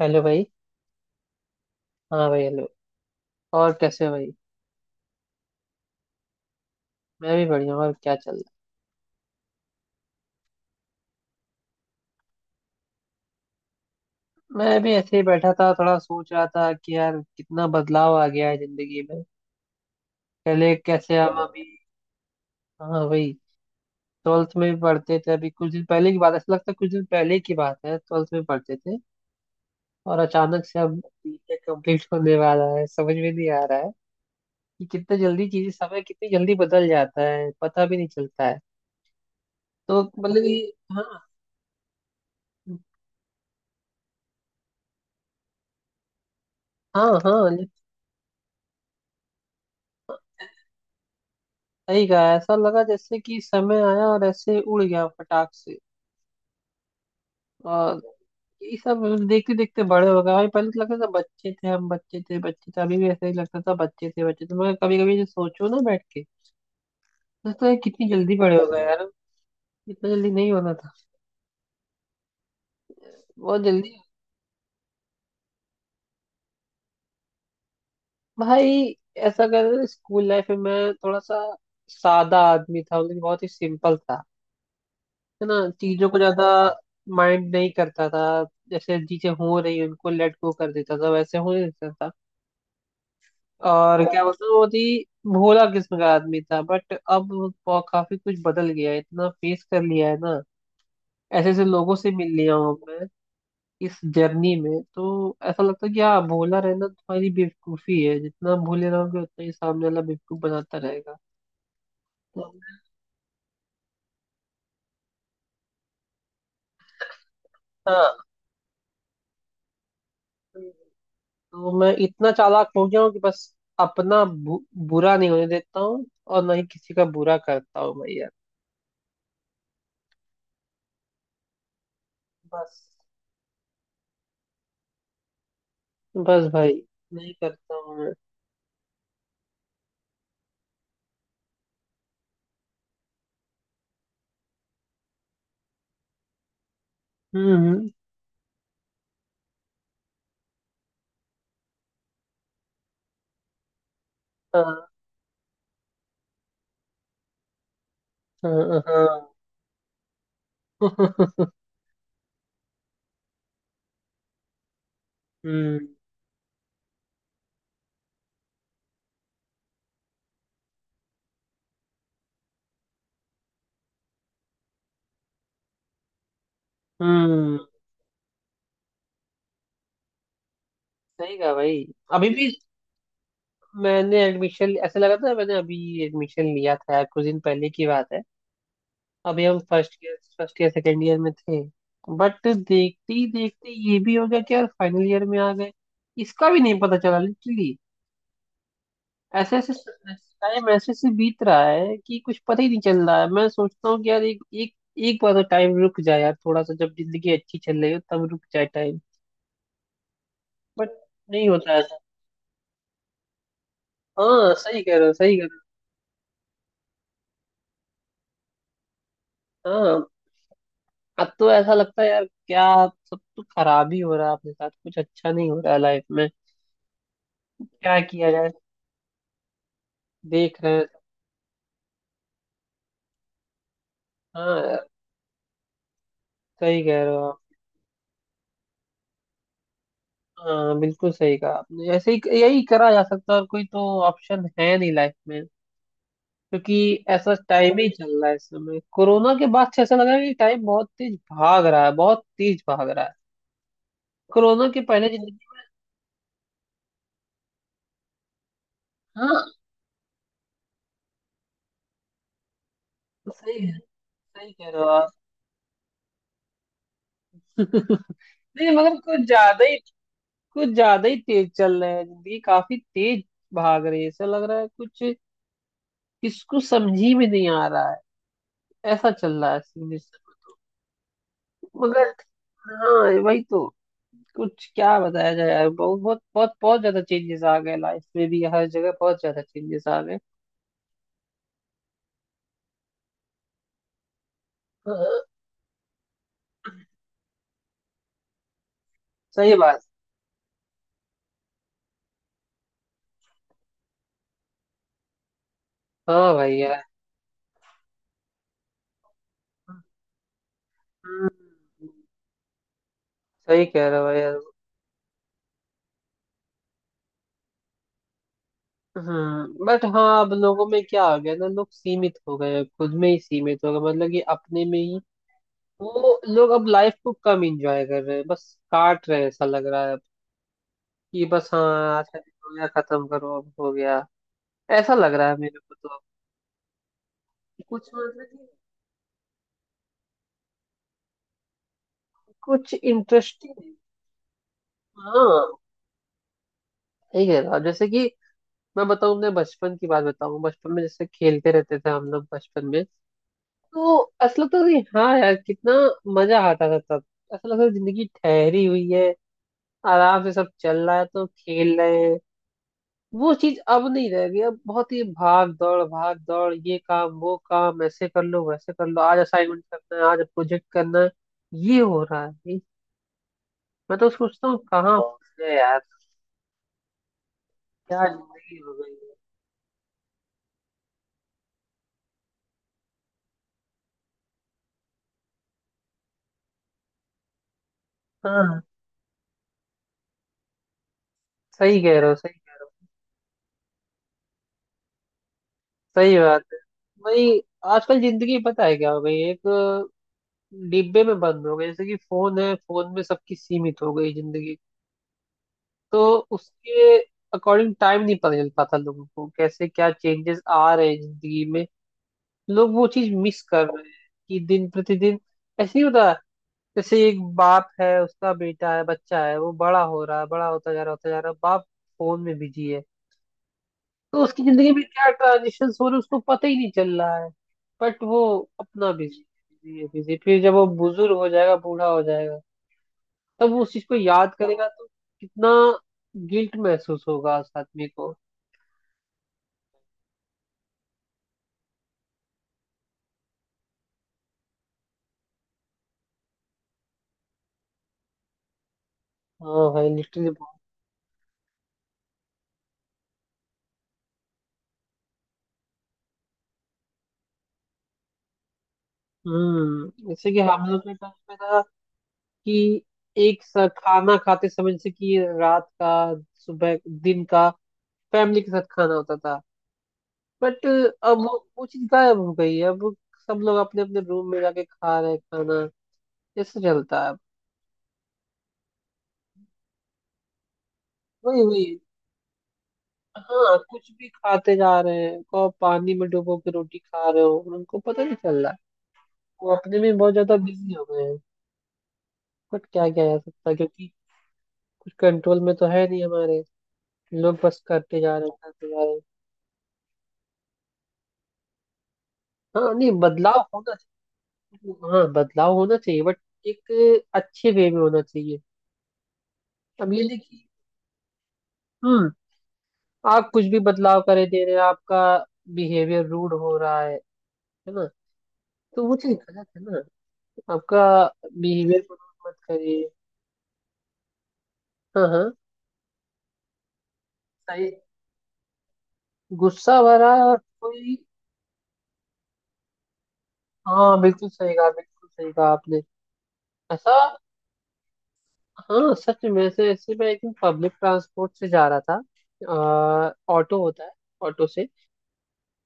Hello भाई। हाँ भाई, हेलो। और कैसे हो भाई? मैं भी बढ़िया हूँ, और क्या चल रहा है? मैं भी ऐसे ही बैठा था, थोड़ा सोच रहा था कि यार कितना बदलाव आ गया है जिंदगी में। पहले कैसे, हम अभी। हाँ भाई, ट्वेल्थ में भी पढ़ते थे अभी, कुछ दिन पहले की बात है, ऐसा लगता है कुछ दिन पहले की बात है ट्वेल्थ में पढ़ते थे और अचानक से अब बीटेक कंप्लीट होने वाला है। समझ में नहीं आ रहा है कि कितना जल्दी चीजें, समय कितनी जल्दी बदल जाता है, पता भी नहीं चलता है। तो मतलब कि हाँ, हाँ। हाँ, सही कहा, ऐसा लगा जैसे कि समय आया और ऐसे उड़ गया फटाक से। और ये सब देखते देखते बड़े हो गए भाई। पहले तो लगता था बच्चे थे, हम बच्चे थे, बच्चे थे, अभी भी ऐसा ही लगता था बच्चे थे बच्चे थे, मगर कभी कभी जो सोचो ना बैठ के, तो लगता है कितनी जल्दी बड़े हो गए यार। इतना जल्दी नहीं होना था। बहुत जल्दी। भाई ऐसा कर रहे, स्कूल लाइफ में मैं थोड़ा सा सादा आदमी था, मतलब कि बहुत ही सिंपल था, है ना। चीजों को ज्यादा माइंड नहीं करता था, जैसे चीजें हो रही उनको लेट गो कर देता था, वैसे होने देता था। और क्या बताऊँ, बहुत ही भोला किस्म का आदमी था, बट अब वो काफी कुछ बदल गया है। इतना फेस कर लिया है ना, ऐसे ऐसे लोगों से मिल लिया हूँ मैं इस जर्नी में, तो ऐसा लगता है कि हाँ, भोला रहना तुम्हारी बेवकूफी है, जितना भोले रहोगे उतना ही सामने वाला बेवकूफ बनाता रहेगा। तो मैं- हाँ, तो मैं इतना चालाक हो गया हूँ कि बस अपना बुरा नहीं होने देता हूँ और ना ही किसी का बुरा करता हूँ भाई यार। बस। बस भाई, नहीं करता हूँ मैं। हम्म हम्म, हाँ, हाँ। हाँ। हम्म हम्म सही कहा भाई। अभी भी मैंने एडमिशन, ऐसा लगा था मैंने अभी एडमिशन लिया था, कुछ दिन पहले की बात है। अभी हम फर्स्ट ईयर, सेकेंड ईयर में थे, बट देखते ही देखते ये भी हो गया कि यार फाइनल ईयर में आ गए। इसका भी नहीं पता चला लिटरली। ऐसे ऐसे टाइम ऐसे से बीत रहा है कि कुछ पता ही नहीं चल रहा है। मैं सोचता हूँ कि यार एक एक एक बार तो टाइम रुक जाए यार, थोड़ा सा, जब जिंदगी अच्छी चल रही हो तब रुक जाए टाइम। बट नहीं होता। हाँ सही कह रहे हो, सही कह रहे हो। हाँ, अब तो ऐसा लगता है यार क्या, सब तो खराब ही हो रहा है, अपने साथ कुछ अच्छा नहीं हो रहा है लाइफ में। क्या किया जाए, देख रहे हैं। हाँ यार, सही कह रहे हो आप। हाँ बिल्कुल सही कहा आपने, ऐसे ही, यही करा जा सकता है और कोई तो ऑप्शन है नहीं लाइफ में, क्योंकि ऐसा टाइम ही चल रहा है इस समय। कोरोना के बाद से ऐसा लग रहा है कि टाइम बहुत तेज भाग रहा है, बहुत तेज भाग रहा है। कोरोना के पहले जिंदगी। हाँ सही है। सही कह रहे हो आप। नहीं मगर कुछ ज्यादा ही, कुछ ज्यादा ही तेज चल रहे हैं, जिंदगी काफी तेज भाग रही है, ऐसा लग रहा है कुछ, किसको समझी में नहीं आ रहा है। ऐसा चल रहा है सिचुएशन। मगर हाँ वही तो, कुछ क्या बताया जाए यार, बहुत बहुत बहुत बहुत ज्यादा चेंजेस आ गए लाइफ में भी, हर जगह बहुत ज्यादा चेंजेस आ गए। हाँ, सही बात। हाँ भाई यार। हम्म, सही कह रहे हो भाई यार। हम्म, बट हाँ अब लोगों में क्या हो गया ना, लोग सीमित हो गए हैं, खुद में ही सीमित हो गए, मतलब कि अपने में ही। वो लोग अब लाइफ को कम एंजॉय कर रहे हैं, बस काट रहे हैं, ऐसा लग रहा है अब, कि बस हाँ आज का दिन हो गया, खत्म करो, अब हो गया। ऐसा लग रहा है मेरे को तो अब, कुछ मतलब कि कुछ इंटरेस्टिंग। हाँ, ठीक है ना, जैसे कि मैं बताऊँ, अपने बचपन की बात बताऊँ, बचपन में जैसे खेलते रहते थे हम लोग बचपन में, तो ऐसा लगता था कि हाँ यार कितना मजा आता था तब। ऐसा लगता था जिंदगी ठहरी हुई है, आराम से सब चल रहा है, तो खेल रहे हैं। वो चीज अब नहीं रह गई। अब बहुत ही भाग दौड़, भाग दौड़, ये काम वो काम, ऐसे कर लो वैसे कर लो, आज असाइनमेंट करना है, आज प्रोजेक्ट करना है, ये हो रहा है मैं तो सोचता हूँ कहाँ फंस गए यार, क्या जिंदगी हो गई है। हाँ सही कह रहे हो, सही कह रहे हो। सही बात है भाई। आजकल जिंदगी पता है क्या हो गई, एक डिब्बे में बंद हो गई, जैसे कि फोन है, फोन में सबकी सीमित हो गई जिंदगी। तो उसके अकॉर्डिंग टाइम नहीं पता चल पाता लोगों को, कैसे क्या चेंजेस आ रहे हैं जिंदगी में। लोग वो चीज मिस कर रहे हैं कि दिन प्रतिदिन ऐसे ही होता है। जैसे एक बाप है, उसका बेटा है, बच्चा है, वो बड़ा हो रहा है, बड़ा होता जा रहा है, बाप फोन में बिजी है, तो उसकी जिंदगी में क्या ट्रांजिशन हो रहे हैं, उसको पता ही नहीं चल रहा है। बट वो अपना बिजी बिजी है, बिजी। फिर जब वो बुजुर्ग हो जाएगा, बूढ़ा हो जाएगा, तब वो उस चीज को याद करेगा, तो कितना गिल्ट महसूस होगा उस आदमी को। हाँ भाई लिटरली। हम्म, जैसे कि हम लोग के टाइम पे था कि एक साथ खाना खाते समय, जैसे कि रात का, सुबह, दिन का, फैमिली के साथ खाना होता था, बट अब वो चीज गायब हो गई है। अब सब लोग अपने अपने रूम में जाके खा रहे हैं खाना। कैसे चलता है अब? वही वही। हाँ, कुछ भी खाते जा रहे हैं, को पानी में डुबो के रोटी खा रहे हो उनको पता नहीं चल रहा है। वो अपने में बहुत ज्यादा बिजी हो गए हैं। बट क्या किया जा सकता है, क्योंकि कुछ कंट्रोल में तो है नहीं हमारे। लोग बस करते जा रहे हैं, करते जा रहे हैं। हाँ नहीं, बदलाव होना, हाँ, बदलाव होना चाहिए, बट एक अच्छे वे में होना चाहिए। अब ये नहीं कि, हम्म, आप कुछ भी बदलाव करे दे रहे हैं, आपका बिहेवियर रूड हो रहा है ना, तो वो चीज गलत है ना। आपका बिहेवियर मत करिए। हाँ, हाँ सही। गुस्सा भरा और कोई। हाँ बिल्कुल सही कहा, बिल्कुल सही कहा आपने। ऐसा, हाँ सच में। से ऐसे, मैं एक दिन पब्लिक ट्रांसपोर्ट से जा रहा था, ऑटो होता है, ऑटो से,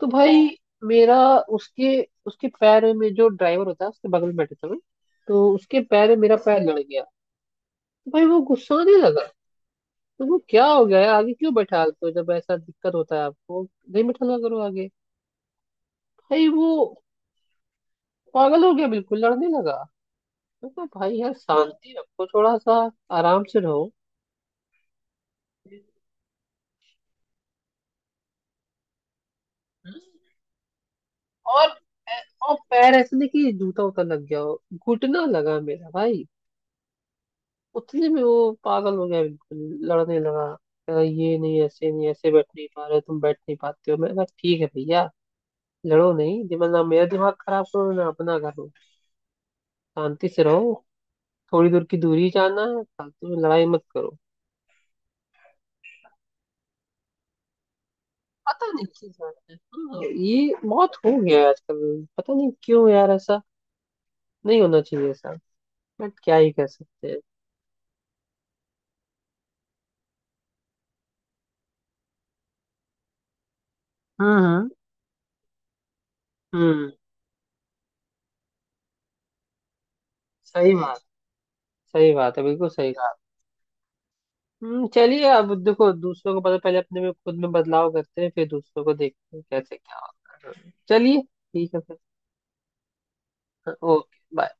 तो भाई मेरा, उसके, उसके पैर में, जो ड्राइवर होता है उसके बगल में बैठे थे मैं, तो उसके पैर में मेरा पैर लड़ गया। तो भाई वो गुस्साने लगा, तो वो क्या हो गया है, आगे क्यों बैठालते हो जब ऐसा दिक्कत होता है आपको, नहीं बैठाला करो आगे। भाई वो पागल हो गया बिल्कुल, लड़ने लगा। मैं कहा, भाई यार शांति रखो थोड़ा सा, आराम से रहो। और और पैर ऐसे नहीं कि जूता उता लग गया हो, घुटना लगा मेरा भाई। उतने में वो पागल हो गया बिल्कुल, लड़ने लगा, कह रहा, ये नहीं ऐसे, नहीं ऐसे बैठ नहीं पा रहे तुम, बैठ नहीं पाते हो। मैं कहा ठीक है भैया, लड़ो नहीं, दिमाग ना, मेरा दिमाग खराब करो ना, अपना करो। शांति से रहो, थोड़ी दूर की दूरी जाना है, फालतू में लड़ाई मत करो। पता नहीं किस बात है। हाँ, ये बहुत हो गया है आजकल, पता नहीं क्यों यार, ऐसा नहीं होना चाहिए ऐसा, बट क्या ही कर सकते हैं। हम्म हम्म हम्म सही बात, सही बात है, बिल्कुल सही कहा। चलिए अब देखो, दूसरों को पता, पहले अपने में, खुद में बदलाव करते हैं, फिर दूसरों को देखते हैं कैसे क्या होता है। चलिए ठीक है फिर। Okay, bye.